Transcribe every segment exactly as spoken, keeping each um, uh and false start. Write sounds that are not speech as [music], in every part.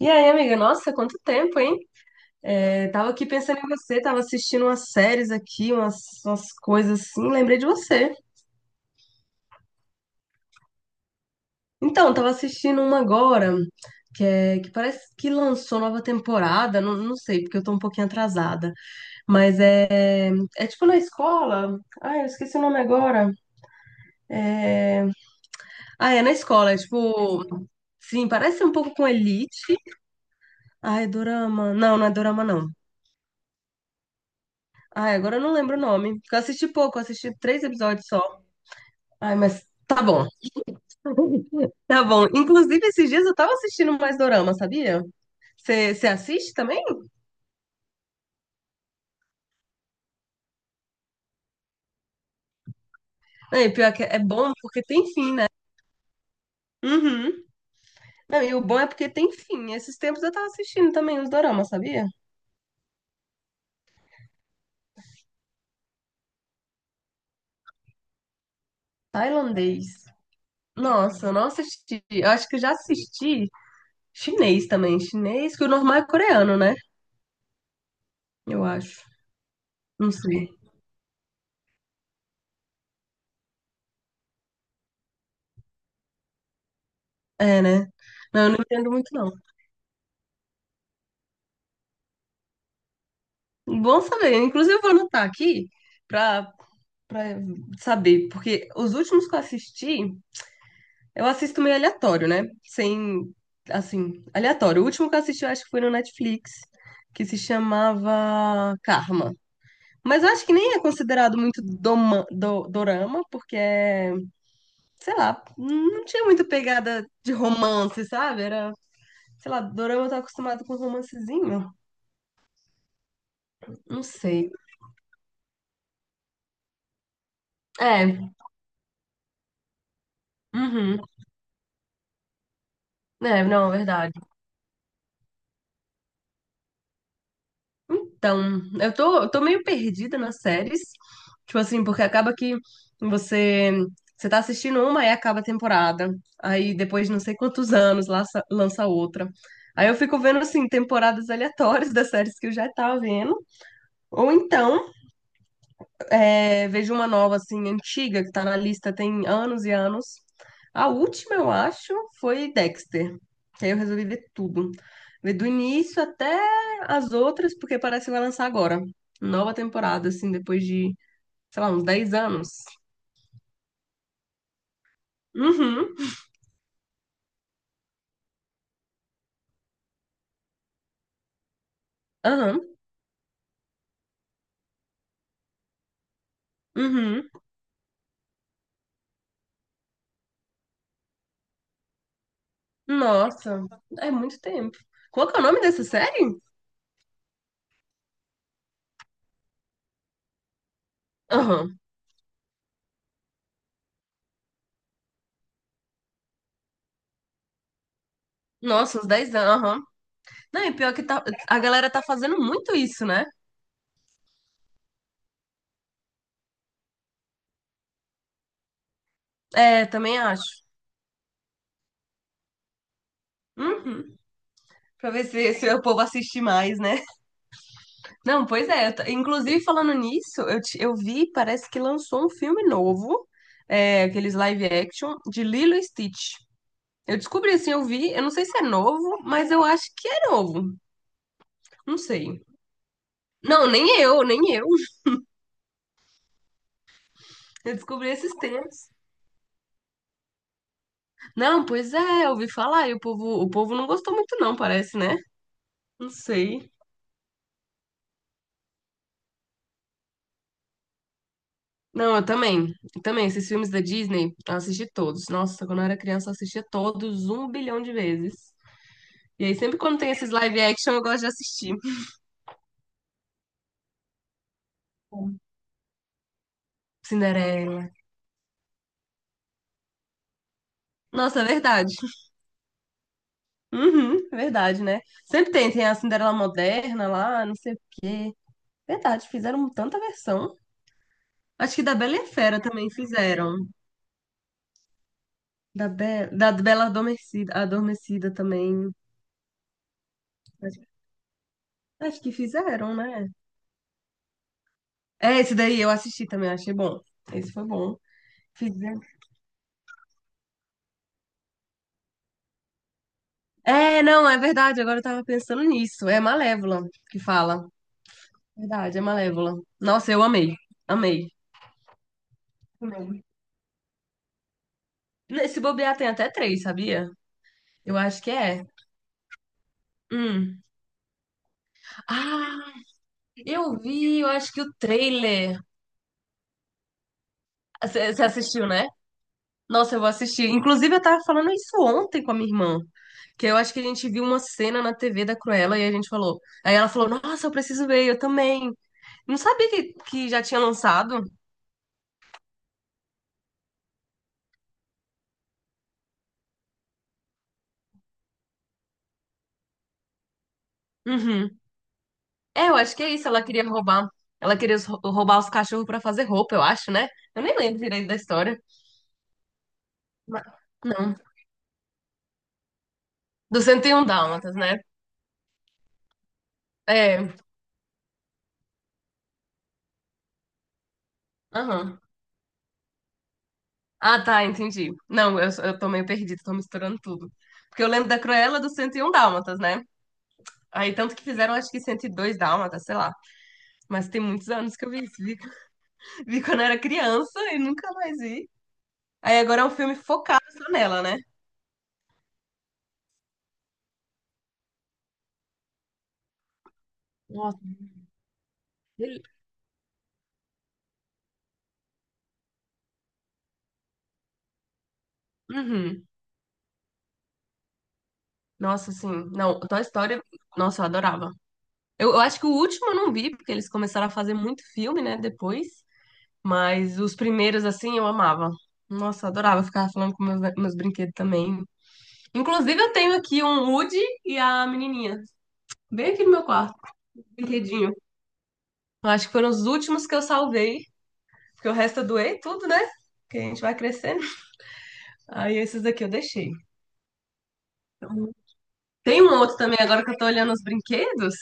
E aí, amiga? Nossa, quanto tempo, hein? É, tava aqui pensando em você, tava assistindo umas séries aqui, umas, umas coisas assim, lembrei de você. Então, tava assistindo uma agora, que, é, que parece que lançou nova temporada, não, não sei, porque eu tô um pouquinho atrasada. Mas é, é tipo na escola. Ai, eu esqueci o nome agora. É. Ah, é na escola, é tipo. Sim, parece um pouco com Elite. Ai, Dorama. Não, não é Dorama, não. Ai, agora eu não lembro o nome. Porque eu assisti pouco, eu assisti três episódios só. Ai, mas tá bom. Tá bom. Inclusive, esses dias eu tava assistindo mais dorama, sabia? Você você assiste também? É, pior que é bom porque tem fim, né? Uhum. Não, e o bom é porque tem fim. Esses tempos eu tava assistindo também os doramas, sabia? Tailandês. Nossa, eu não assisti. Eu acho que eu já assisti chinês também. Chinês, que o normal é coreano, né? Eu acho. Não sei. É, né? Não, eu não entendo muito, não. Bom saber. Inclusive, eu vou anotar aqui pra, pra saber, porque os últimos que eu assisti, eu assisto meio aleatório, né? Sem, assim, aleatório. O último que eu assisti, eu acho que foi no Netflix, que se chamava Karma. Mas eu acho que nem é considerado muito doma, do, dorama, porque é, sei lá, não tinha muito pegada de romance, sabe? Era, sei lá, dorama eu tô acostumado com romancezinho. Não sei. É, uhum. É, não, é verdade. Então, eu tô, eu tô meio perdida nas séries. Tipo assim, porque acaba que você, você tá assistindo uma e acaba a temporada. Aí depois de não sei quantos anos lança, lança outra. Aí eu fico vendo assim, temporadas aleatórias das séries que eu já tava vendo. Ou então é, vejo uma nova, assim, antiga, que tá na lista tem anos e anos. A última, eu acho, foi Dexter. Que aí eu resolvi ver tudo. Ver do início até as outras, porque parece que vai lançar agora. Nova temporada, assim, depois de, sei lá, uns dez anos. Uhum, aham, uhum. Nossa, é muito tempo. Qual que é o nome dessa série? Aham. Nossa, uns dez anos, aham. Não, e pior que tá, a galera tá fazendo muito isso, né? É, também acho. Uhum. Pra ver se, se o povo assiste mais, né? Não, pois é. eu t- Inclusive, falando nisso, eu, ti- eu vi, parece que lançou um filme novo, é, aqueles live action, de Lilo e Stitch. Eu descobri assim, eu vi, eu não sei se é novo, mas eu acho que é novo. Não sei. Não, nem eu, nem eu. Eu descobri esses tempos. Não, pois é, eu ouvi falar e o povo, o povo não gostou muito, não, parece, né? Não sei. Não, eu também. Eu também, esses filmes da Disney, eu assisti todos. Nossa, quando eu era criança, eu assistia todos um bilhão de vezes. E aí, sempre quando tem esses live action, eu gosto de assistir. Cinderela. Nossa, é verdade. [laughs] Uhum, verdade, né? Sempre tem, tem a Cinderela moderna lá, não sei o quê. Verdade, fizeram tanta versão. Acho que da Bela e a Fera também fizeram. Da, Be da Bela Adormecida, Adormecida também. Acho, acho que fizeram, né? É, esse daí eu assisti também, achei bom. Esse foi bom. É, não, é verdade. Agora eu tava pensando nisso. É Malévola que fala. Verdade, é Malévola. Nossa, eu amei. Amei. Amei. Se bobear, tem até três, sabia? Eu acho que é. Hum. Ah, eu vi, eu acho que o trailer. Você assistiu, né? Nossa, eu vou assistir. Inclusive, eu tava falando isso ontem com a minha irmã. Que eu acho que a gente viu uma cena na T V da Cruella e a gente falou. Aí ela falou: Nossa, eu preciso ver, eu também. Não sabia que, que já tinha lançado. Uhum. É, eu acho que é isso. Ela queria roubar. Ela queria os- roubar os cachorros pra fazer roupa, eu acho, né? Eu nem lembro direito da história. Ma- Não. Do cento e um Dálmatas, né? É. Aham. Ah, tá, entendi. Não, eu, eu tô meio perdida, tô misturando tudo. Porque eu lembro da Cruella do cento e um Dálmatas, né? Aí tanto que fizeram, acho que cento e dois Dálmatas, sei lá. Mas tem muitos anos que eu vi isso. Vi, vi quando era criança e nunca mais vi. Aí agora é um filme focado só nela, né? Nossa, bele- Uhum. Nossa, sim. Não, Toy Story, nossa, eu adorava. Eu, eu acho que o último eu não vi, porque eles começaram a fazer muito filme, né, depois. Mas os primeiros, assim, eu amava. Nossa, eu adorava ficar falando com meus, meus brinquedos também. Inclusive, eu tenho aqui um Woody e a menininha, bem aqui no meu quarto, brinquedinho. Eu acho que foram os últimos que eu salvei, porque o resto eu doei tudo, né? Porque a gente vai crescendo. Aí esses aqui eu deixei. Tem um outro também, agora que eu tô olhando os brinquedos.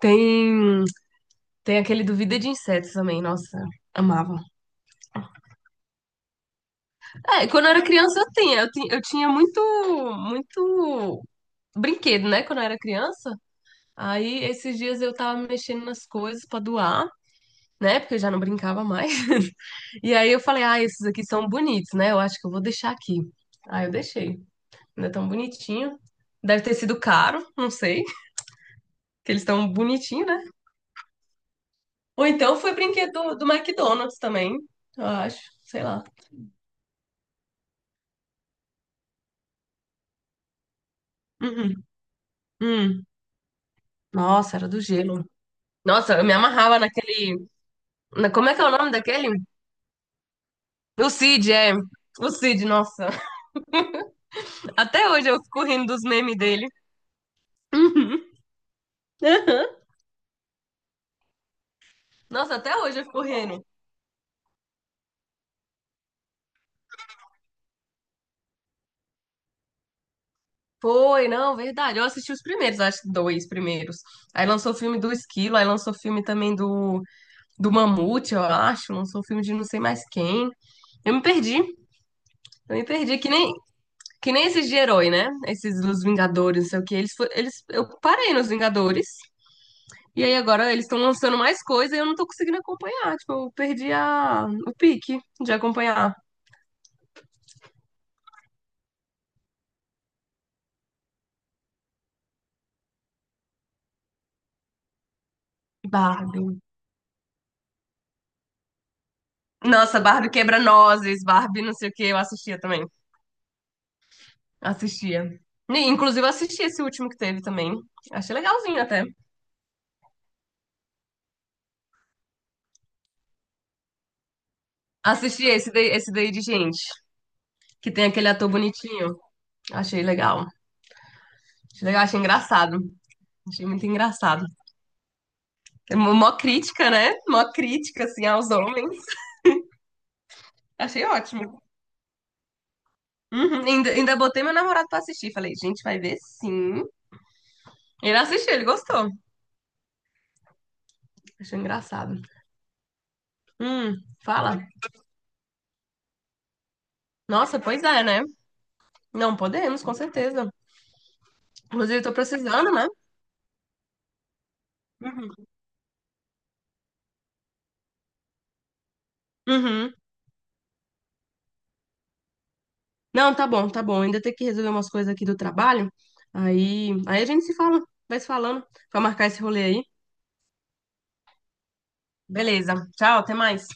Tem, tem aquele do Vida de Insetos também, nossa, amava. É, quando eu era criança eu tinha, eu tinha, eu tinha muito, muito brinquedo, né, quando eu era criança. Aí esses dias eu tava mexendo nas coisas pra doar, né, porque eu já não brincava mais. [laughs] E aí eu falei, ah, esses aqui são bonitos, né, eu acho que eu vou deixar aqui. Aí eu deixei, ainda tão bonitinho. Deve ter sido caro, não sei, que eles estão bonitinhos, né? Ou então foi brinquedo do, do McDonald's também, eu acho, sei lá. Uhum. Hum. Nossa, era do gelo. Nossa, eu me amarrava naquele Na- Como é que é o nome daquele? O Cid, é. O Cid, nossa. [laughs] Até hoje eu fico rindo dos memes dele. Uhum. [laughs] Aham. Nossa, até hoje eu fico rindo. Foi, não, verdade. Eu assisti os primeiros, acho que dois primeiros. Aí lançou o filme do Esquilo, aí lançou o filme também do, do Mamute, eu acho. Lançou o filme de não sei mais quem. Eu me perdi. Eu me perdi, que nem, que nem esses de herói, né? Esses dos Vingadores, não sei o que Eles, fo- eles, eu parei nos Vingadores. E aí agora eles estão lançando mais coisa e eu não tô conseguindo acompanhar. Tipo, eu perdi a... o pique de acompanhar. Barbie. Nossa, Barbie quebra-nozes, Barbie não sei o que, eu assistia também. Assistia. E, inclusive, eu assisti esse último que teve também. Achei legalzinho até. Assisti esse daí, esse daí de gente, que tem aquele ator bonitinho. Achei legal. Achei legal, achei engraçado. Achei muito engraçado. É mó mó crítica, né? Mó crítica, assim, aos homens. Achei ótimo. Uhum, ainda, ainda botei meu namorado pra assistir. Falei, gente, vai ver sim. Ele assistiu, ele gostou. Achei engraçado. Hum, fala. Nossa, pois é, né? Não, podemos, com certeza. Inclusive, eu tô precisando, né? Uhum. Uhum. Não, tá bom, tá bom. Ainda tem que resolver umas coisas aqui do trabalho. Aí, aí a gente se fala, vai se falando. Pra marcar esse rolê aí. Beleza. Tchau, até mais.